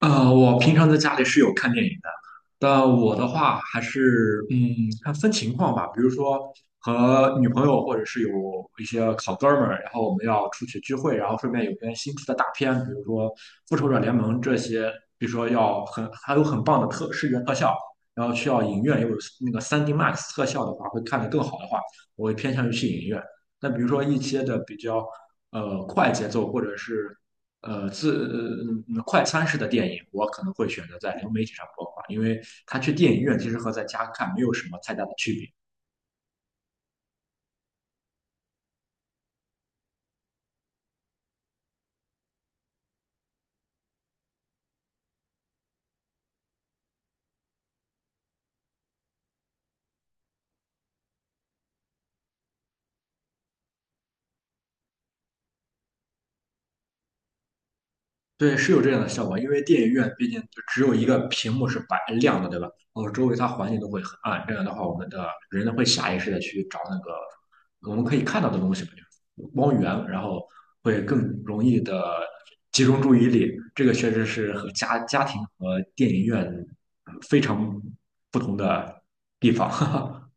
我平常在家里是有看电影的，但我的话还是看分情况吧。比如说和女朋友，或者是有一些好哥们儿，然后我们要出去聚会，然后顺便有些新出的大片，比如说《复仇者联盟》这些，比如说还有很棒的视觉特效，然后需要影院有那个三 d Max 特效的话，会看得更好的话，我会偏向于去影院。但比如说一些的比较快节奏或者是呃自呃快餐式的电影，我可能会选择在流媒体上播放，因为他去电影院其实和在家看没有什么太大的区别。对，是有这样的效果，因为电影院毕竟就只有一个屏幕是白亮的，对吧？然后周围它环境都会很暗，这样的话，我们的人呢会下意识的去找那个我们可以看到的东西嘛，就是光源，然后会更容易的集中注意力。这个确实是和家庭和电影院非常不同的地方。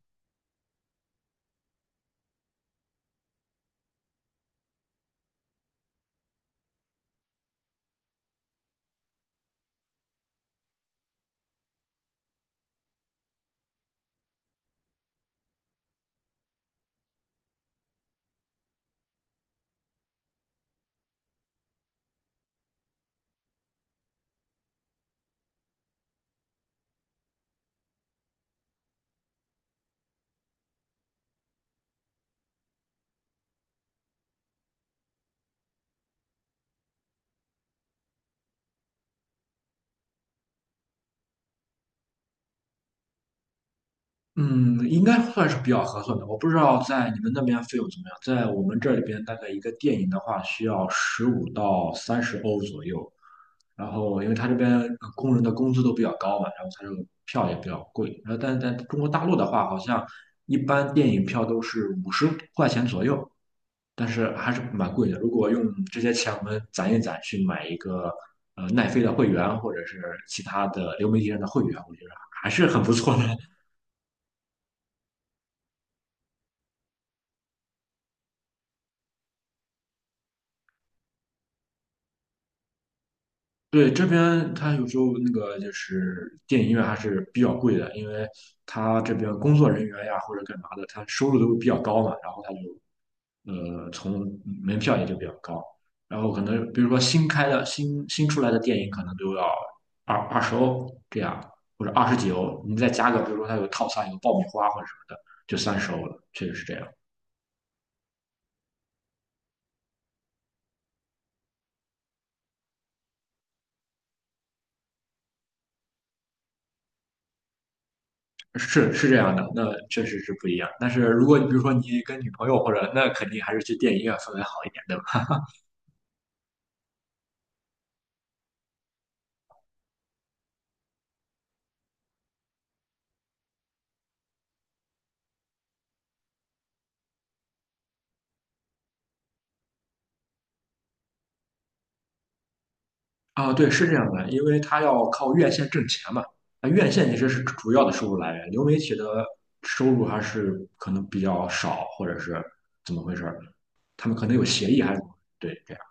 嗯，应该算是比较合算的。我不知道在你们那边费用怎么样，在我们这里边大概一个电影的话需要15 到 30 欧左右。然后，因为他这边工人的工资都比较高嘛，然后他这个票也比较贵。然后，但是在中国大陆的话，好像一般电影票都是50 块钱左右，但是还是蛮贵的。如果用这些钱我们攒一攒去买一个奈飞的会员，或者是其他的流媒体上的会员，我觉得还是很不错的。对，这边它有时候那个就是电影院还是比较贵的，因为它这边工作人员呀或者干嘛的，他收入都比较高嘛，然后他就从门票也就比较高，然后可能比如说新出来的电影可能都要二十欧这样，或者二十几欧，你再加个比如说它有套餐有爆米花或者什么的，就三十欧了，确实是这样，是这样的，那确实是不一样。但是如果你比如说你跟女朋友或者那肯定还是去电影院氛围好一点，对吧？啊，对，是这样的，因为他要靠院线挣钱嘛。那院线其实是主要的收入来源，流媒体的收入还是可能比较少，或者是怎么回事儿？他们可能有协议还是怎么对，这样，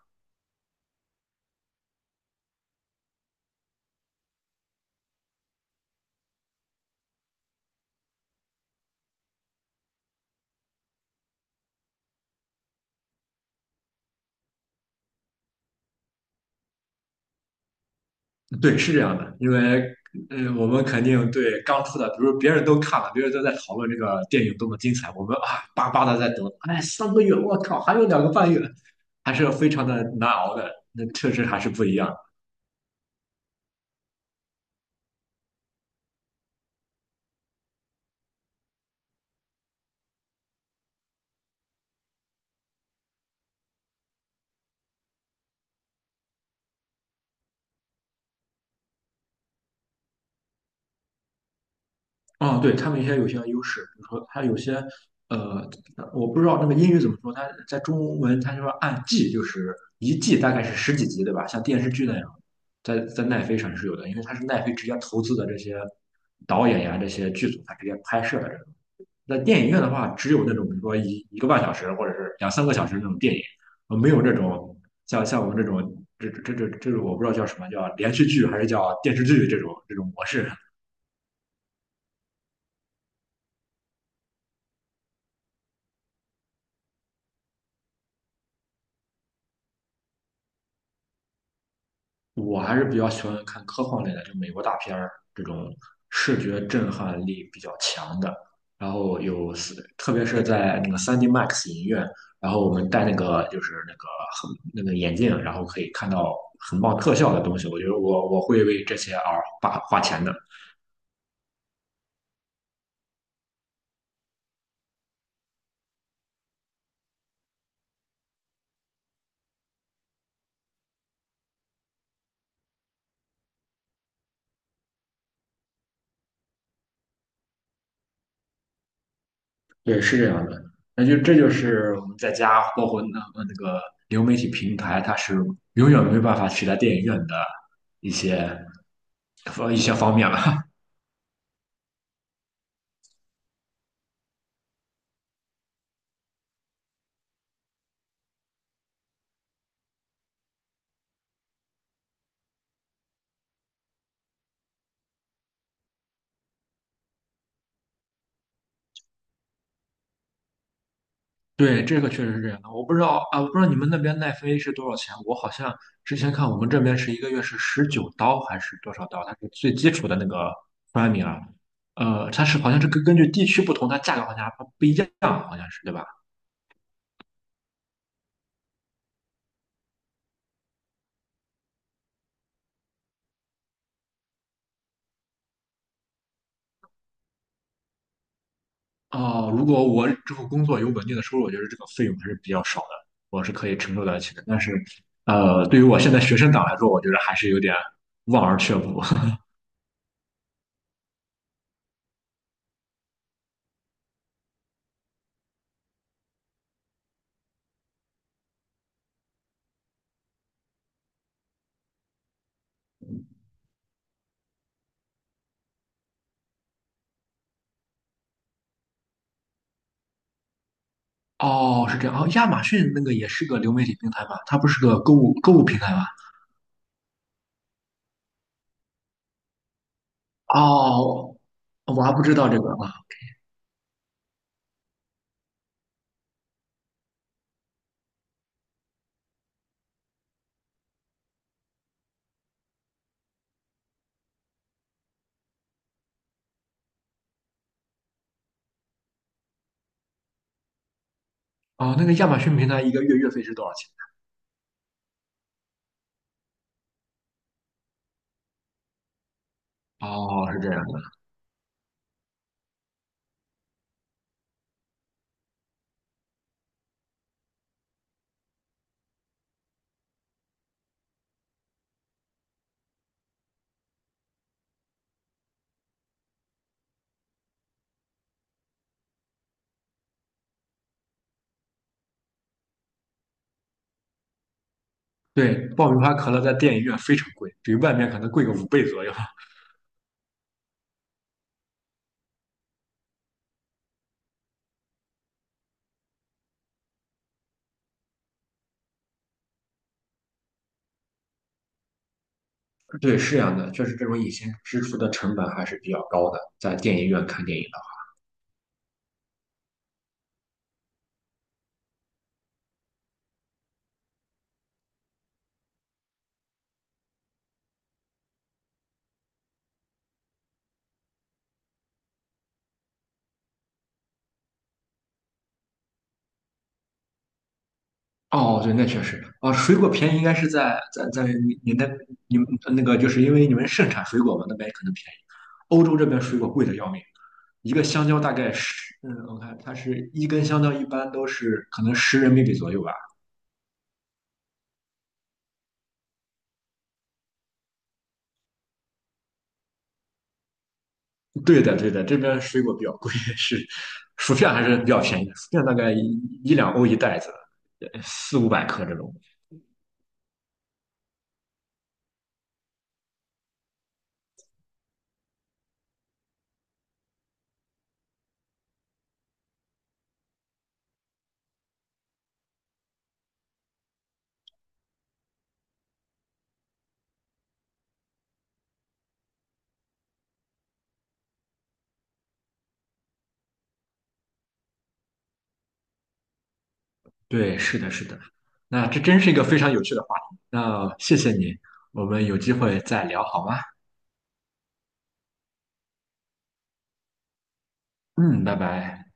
对，是这样的，因为我们肯定对刚出的，比如别人都看了，别人都在讨论这个电影多么精彩，我们啊巴巴的在等，哎，3 个月，我靠，还有2 个半月，还是非常的难熬的，那确实还是不一样。啊，对，他们一些有些优势，比如说他有些，呃，我不知道那个英语怎么说，它在中文它就说按季，就是一季大概是十几集，对吧？像电视剧那样，在奈飞上是有的，因为它是奈飞直接投资的这些导演呀、这些剧组，它直接拍摄的这种。在电影院的话，只有那种比如说一个半小时或者是两三个小时那种电影，没有这种像我们这种这种我不知道叫什么叫连续剧还是叫电视剧这种模式。我还是比较喜欢看科幻类的，就美国大片儿这种视觉震撼力比较强的。然后特别是在那个三 d Max 影院，然后我们戴那个就是那个很那个眼镜，然后可以看到很棒特效的东西。我觉得我会为这些而花钱的。对，是这样的。这就是我们在家，包括那个流媒体平台，它是永远没办法取代电影院的一些一些方面了。对，这个确实是这样的。我不知道你们那边奈飞是多少钱。我好像之前看我们这边是一个月是19 刀还是多少刀，它是最基础的那个 p r 啊。它是好像是根据地区不同，它价格好像还不一样，好像是对吧？哦，如果我之后工作有稳定的收入，我觉得这个费用还是比较少的，我是可以承受得起的。但是，对于我现在学生党来说，我觉得还是有点望而却步。哦，是这样。哦，亚马逊那个也是个流媒体平台吧？它不是个购物平台吗？哦，哦，我还不知道这个啊。哦，那个亚马逊平台一个月月费是多少钱？哦，是这样的。对，爆米花可乐在电影院非常贵，比外面可能贵个5 倍左右。对，是这样的，确实这种隐形支出的成本还是比较高的，在电影院看电影的话。哦，对，那确实啊，水果便宜应该是在你们那个，就是因为你们盛产水果嘛，那边可能便宜。欧洲这边水果贵的要命，一个香蕉大概我看它是一根香蕉一般都是可能10 人民币左右吧。对的，对的，这边水果比较贵，是薯片还是比较便宜的，薯片大概一两欧一袋子，4、500 克这种。对，是的，是的。那这真是一个非常有趣的话题。那谢谢你，我们有机会再聊好吗？嗯，拜拜。